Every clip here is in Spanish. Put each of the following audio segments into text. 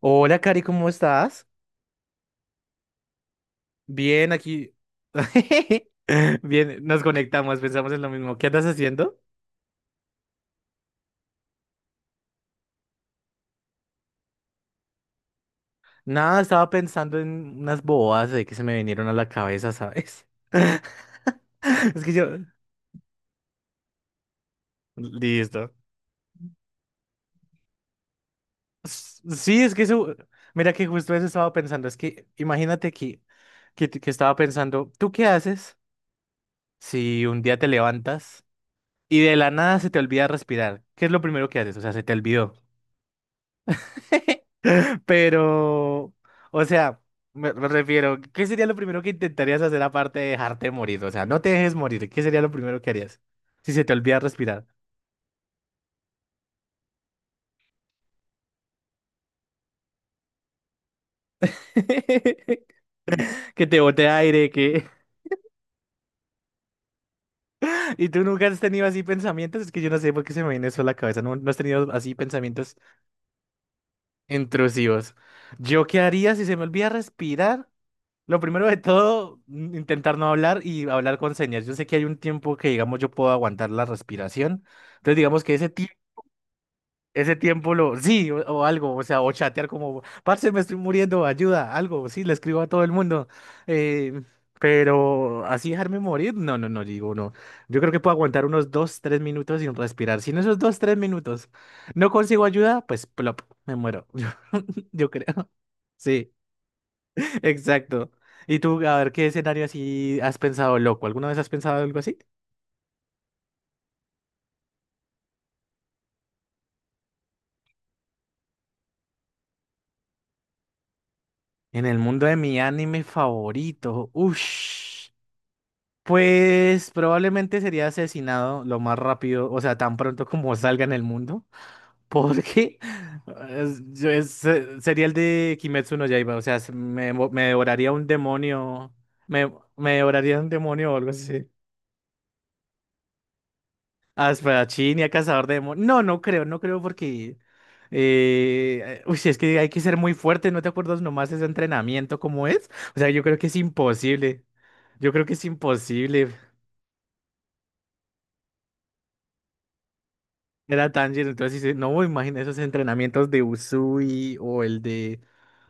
Hola, Cari, ¿cómo estás? Bien, aquí. Bien, nos conectamos, pensamos en lo mismo. ¿Qué andas haciendo? Nada, estaba pensando en unas bobadas de que se me vinieron a la cabeza, ¿sabes? Es que yo. Listo. Sí, es que eso. Mira que justo eso estaba pensando. Es que imagínate que estaba pensando, ¿tú qué haces si un día te levantas y de la nada se te olvida respirar? ¿Qué es lo primero que haces? O sea, se te olvidó. Pero, o sea, me refiero, ¿qué sería lo primero que intentarías hacer aparte de dejarte morir? O sea, no te dejes morir, ¿qué sería lo primero que harías? Si se te olvida respirar. Que te bote aire, que... ¿Y tú nunca has tenido así pensamientos? Es que yo no sé por qué se me viene eso a la cabeza. No, no has tenido así pensamientos intrusivos. ¿Yo qué haría si se me olvida respirar? Lo primero de todo, intentar no hablar y hablar con señas. Yo sé que hay un tiempo que, digamos, yo puedo aguantar la respiración. Entonces, digamos que ese tiempo. Ese tiempo lo, sí, o algo, o sea, o chatear como, parce, me estoy muriendo, ayuda, algo, sí, le escribo a todo el mundo. eh, pero así dejarme morir, no, no, no, digo, no. Yo creo que puedo aguantar unos dos, tres minutos sin respirar. Si en esos dos, tres minutos no consigo ayuda, pues plop, me muero. Yo creo. Sí, exacto. Y tú, a ver, ¿qué escenario así has pensado, loco? ¿Alguna vez has pensado algo así? En el mundo de mi anime favorito, uff. Pues probablemente sería asesinado lo más rápido, o sea, tan pronto como salga en el mundo, porque sería el de Kimetsu no Yaiba, o sea, me, me devoraría un demonio, me, me devoraría un demonio o algo así. Asparachín y a cazador de demonios. No, no creo, no creo porque, uy, es que hay que ser muy fuerte, ¿no te acuerdas nomás ese entrenamiento cómo es? O sea, yo creo que es imposible, yo creo que es imposible. Era Tanjiro, entonces dice, no, imagina esos entrenamientos de Usui o el de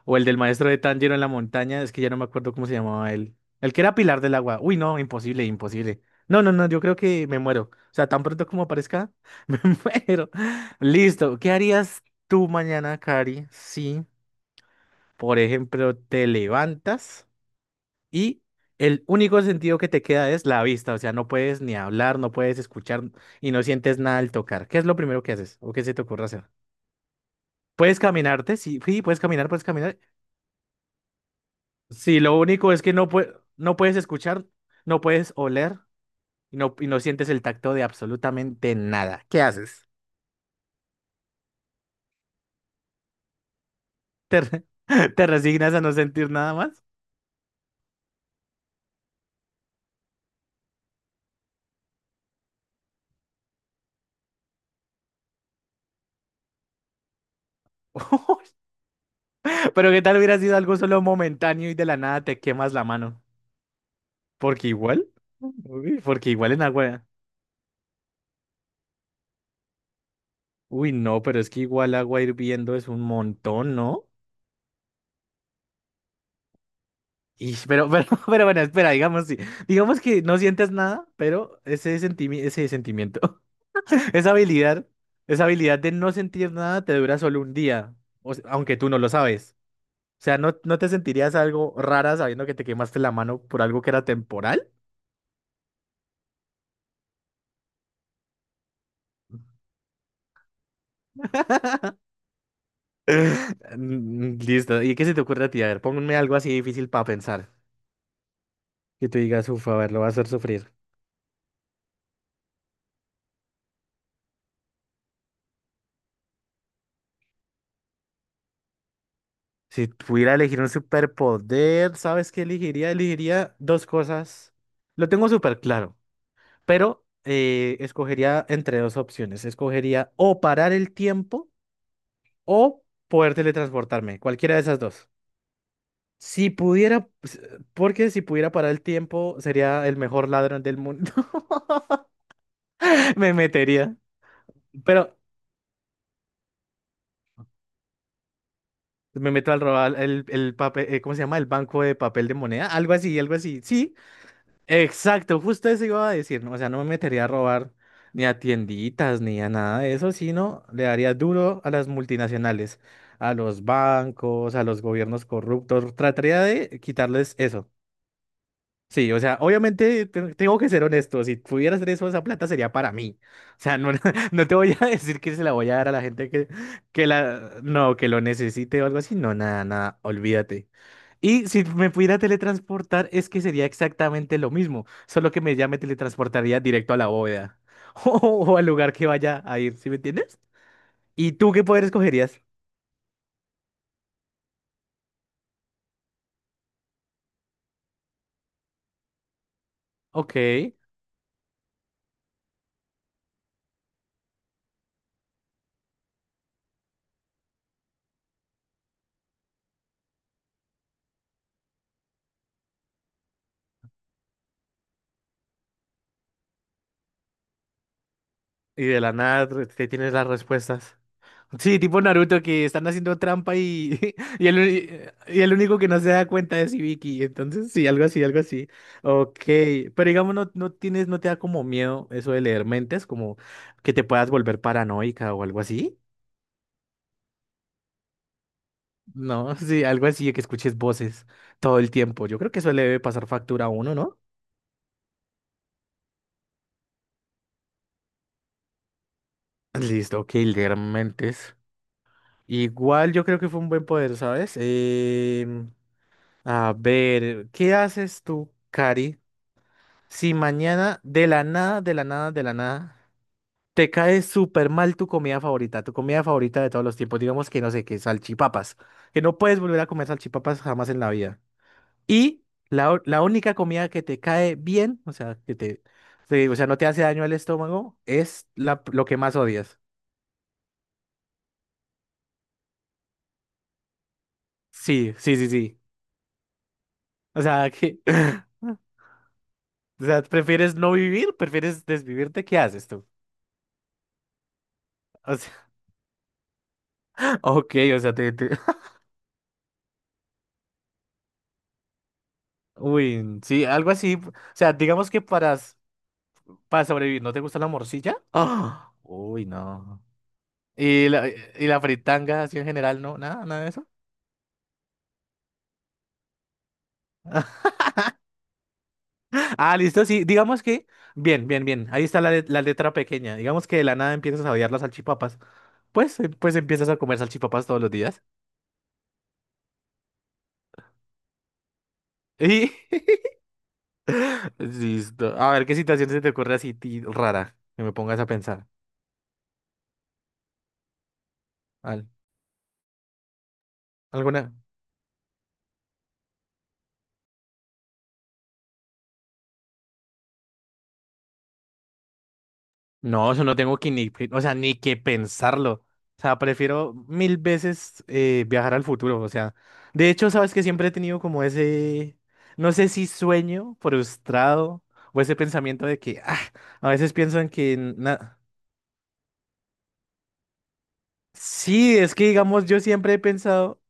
o el del maestro de Tanjiro en la montaña, es que ya no me acuerdo cómo se llamaba él. El que era Pilar del Agua. Uy, no, imposible, imposible. No, no, no, yo creo que me muero. O sea, tan pronto como aparezca, me muero. Listo, ¿qué harías tú mañana, Cari? Si, por ejemplo, te levantas y el único sentido que te queda es la vista, o sea, no puedes ni hablar, no puedes escuchar y no sientes nada al tocar. ¿Qué es lo primero que haces o qué se te ocurre hacer? Puedes caminarte, sí, sí, puedes caminar, puedes caminar. Sí, lo único es que no, no puedes escuchar, no puedes oler y no sientes el tacto de absolutamente nada. ¿Qué haces? ¿Te, te resignas a no sentir nada más? Pero ¿qué tal hubiera sido algo solo momentáneo y de la nada te quemas la mano? Porque igual, uy, porque igual en agua. Uy, no, pero es que igual agua hirviendo es un montón, ¿no? Y, pero bueno, espera, digamos, sí. Digamos que no sientes nada, pero ese sentimiento, esa habilidad, esa habilidad de no sentir nada te dura solo un día, o sea, aunque tú no lo sabes. O sea, ¿no, no te sentirías algo rara sabiendo que te quemaste la mano por algo que era temporal? Listo. ¿Y qué se te ocurre a ti? A ver, ponme algo así difícil para pensar. Que tú digas, uff, a ver, lo va a hacer sufrir. Si pudiera elegir un superpoder, ¿sabes qué elegiría? Elegiría dos cosas. Lo tengo súper claro, pero escogería entre dos opciones. Escogería o parar el tiempo o poder teletransportarme, cualquiera de esas dos. Si pudiera, pues, porque si pudiera parar el tiempo, sería el mejor ladrón del mundo. Me metería. Pero me meto al robar el papel, ¿cómo se llama? El banco de papel de moneda, algo así, algo así. Sí, exacto, justo eso iba a decir, ¿no? O sea, no me metería a robar ni a tienditas ni a nada de eso, sino le daría duro a las multinacionales, a los bancos, a los gobiernos corruptos. Trataría de quitarles eso. Sí, o sea, obviamente tengo que ser honesto, si pudiera hacer eso, esa plata sería para mí. O sea, no, no te voy a decir que se la voy a dar a la gente que la, no, que lo necesite o algo así, no, nada, nada, olvídate. Y si me pudiera teletransportar, es que sería exactamente lo mismo, solo que me, ya me teletransportaría directo a la bóveda o, al lugar que vaya a ir, ¿sí me entiendes? ¿Y tú qué poder escogerías? Ok, y de la nada te tienes las respuestas. Sí, tipo Naruto que están haciendo trampa y, y, el, y el único que no se da cuenta es Ibiki. Entonces, sí, algo así, algo así. Ok, pero digamos, no, no tienes, no te da como miedo eso de leer mentes, como que te puedas volver paranoica o algo así. No, sí, algo así de que escuches voces todo el tiempo. Yo creo que eso le debe pasar factura a uno, ¿no? Listo, ok, leer mentes. Igual yo creo que fue un buen poder, ¿sabes? A ver, ¿qué haces tú, Cari? Si mañana de la nada, de la nada, de la nada, te cae súper mal tu comida favorita de todos los tiempos, digamos que no sé, que salchipapas, que no puedes volver a comer salchipapas jamás en la vida. Y la, la única comida que te cae bien, o sea, que te, o sea, no te hace daño al estómago, es la, lo que más odias. Sí, sí, sí, sí. O sea, que, o sea, ¿prefieres no vivir? ¿Prefieres desvivirte? ¿Qué haces tú? O sea, ok, o sea, te, Uy, sí, algo así. O sea, digamos que para. Para sobrevivir, ¿no te gusta la morcilla? ¡Ah! Uy, no. Y la fritanga así en general? ¿No? ¿Nada, nada de eso? Ah, listo, sí. Digamos que... Bien, bien, bien. Ahí está la, la letra pequeña. Digamos que de la nada empiezas a odiar las salchipapas. Pues, pues empiezas a comer salchipapas todos los días. Y... Listo. A ver, ¿qué situación se te ocurre así rara? Que me pongas a pensar. Al- ¿Alguna? No, eso no tengo que ni, o sea, ni que pensarlo. O sea, prefiero mil veces viajar al futuro. O sea, de hecho, sabes que siempre he tenido como ese, no sé si sueño frustrado o ese pensamiento de que, ah, a veces pienso en que, sí, es que digamos, yo siempre he pensado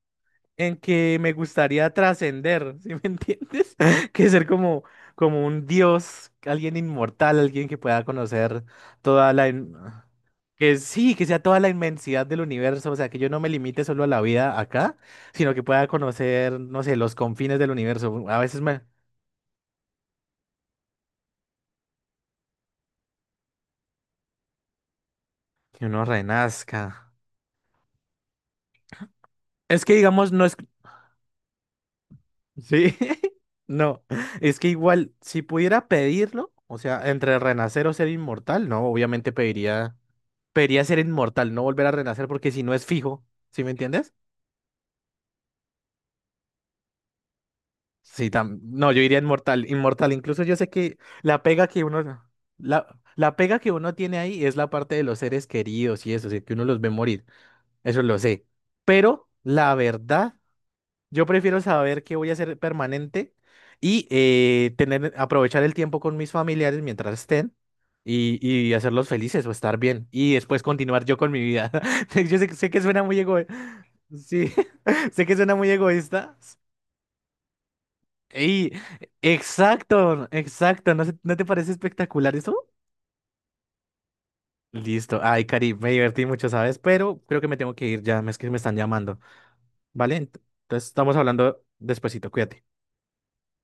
en que me gustaría trascender, ¿sí me entiendes? Que ser como, como un dios, alguien inmortal, alguien que pueda conocer toda la... Que sí, que sea toda la inmensidad del universo, o sea, que yo no me limite solo a la vida acá, sino que pueda conocer, no sé, los confines del universo. A veces me... Que uno renazca. Es que digamos, no es... Sí, no, es que igual, si pudiera pedirlo, o sea, entre renacer o ser inmortal, no, obviamente pediría... Debería ser inmortal, no volver a renacer, porque si no es fijo, ¿sí me entiendes? Sí, no, yo iría inmortal, inmortal. Incluso yo sé que la, la pega que uno tiene ahí es la parte de los seres queridos y eso, o sea, que uno los ve morir, eso lo sé. Pero la verdad yo prefiero saber que voy a ser permanente y tener, aprovechar el tiempo con mis familiares mientras estén y hacerlos felices o estar bien y después continuar yo con mi vida. Yo sé, sé que suena muy egoísta. Sí, sé que suena muy egoísta. Y exacto, exacto. ¿No, no te parece espectacular eso? Listo. Ay, Cari, me divertí mucho, ¿sabes? Pero creo que me tengo que ir ya, es que me están llamando. ¿Vale? Entonces estamos hablando despuesito, cuídate.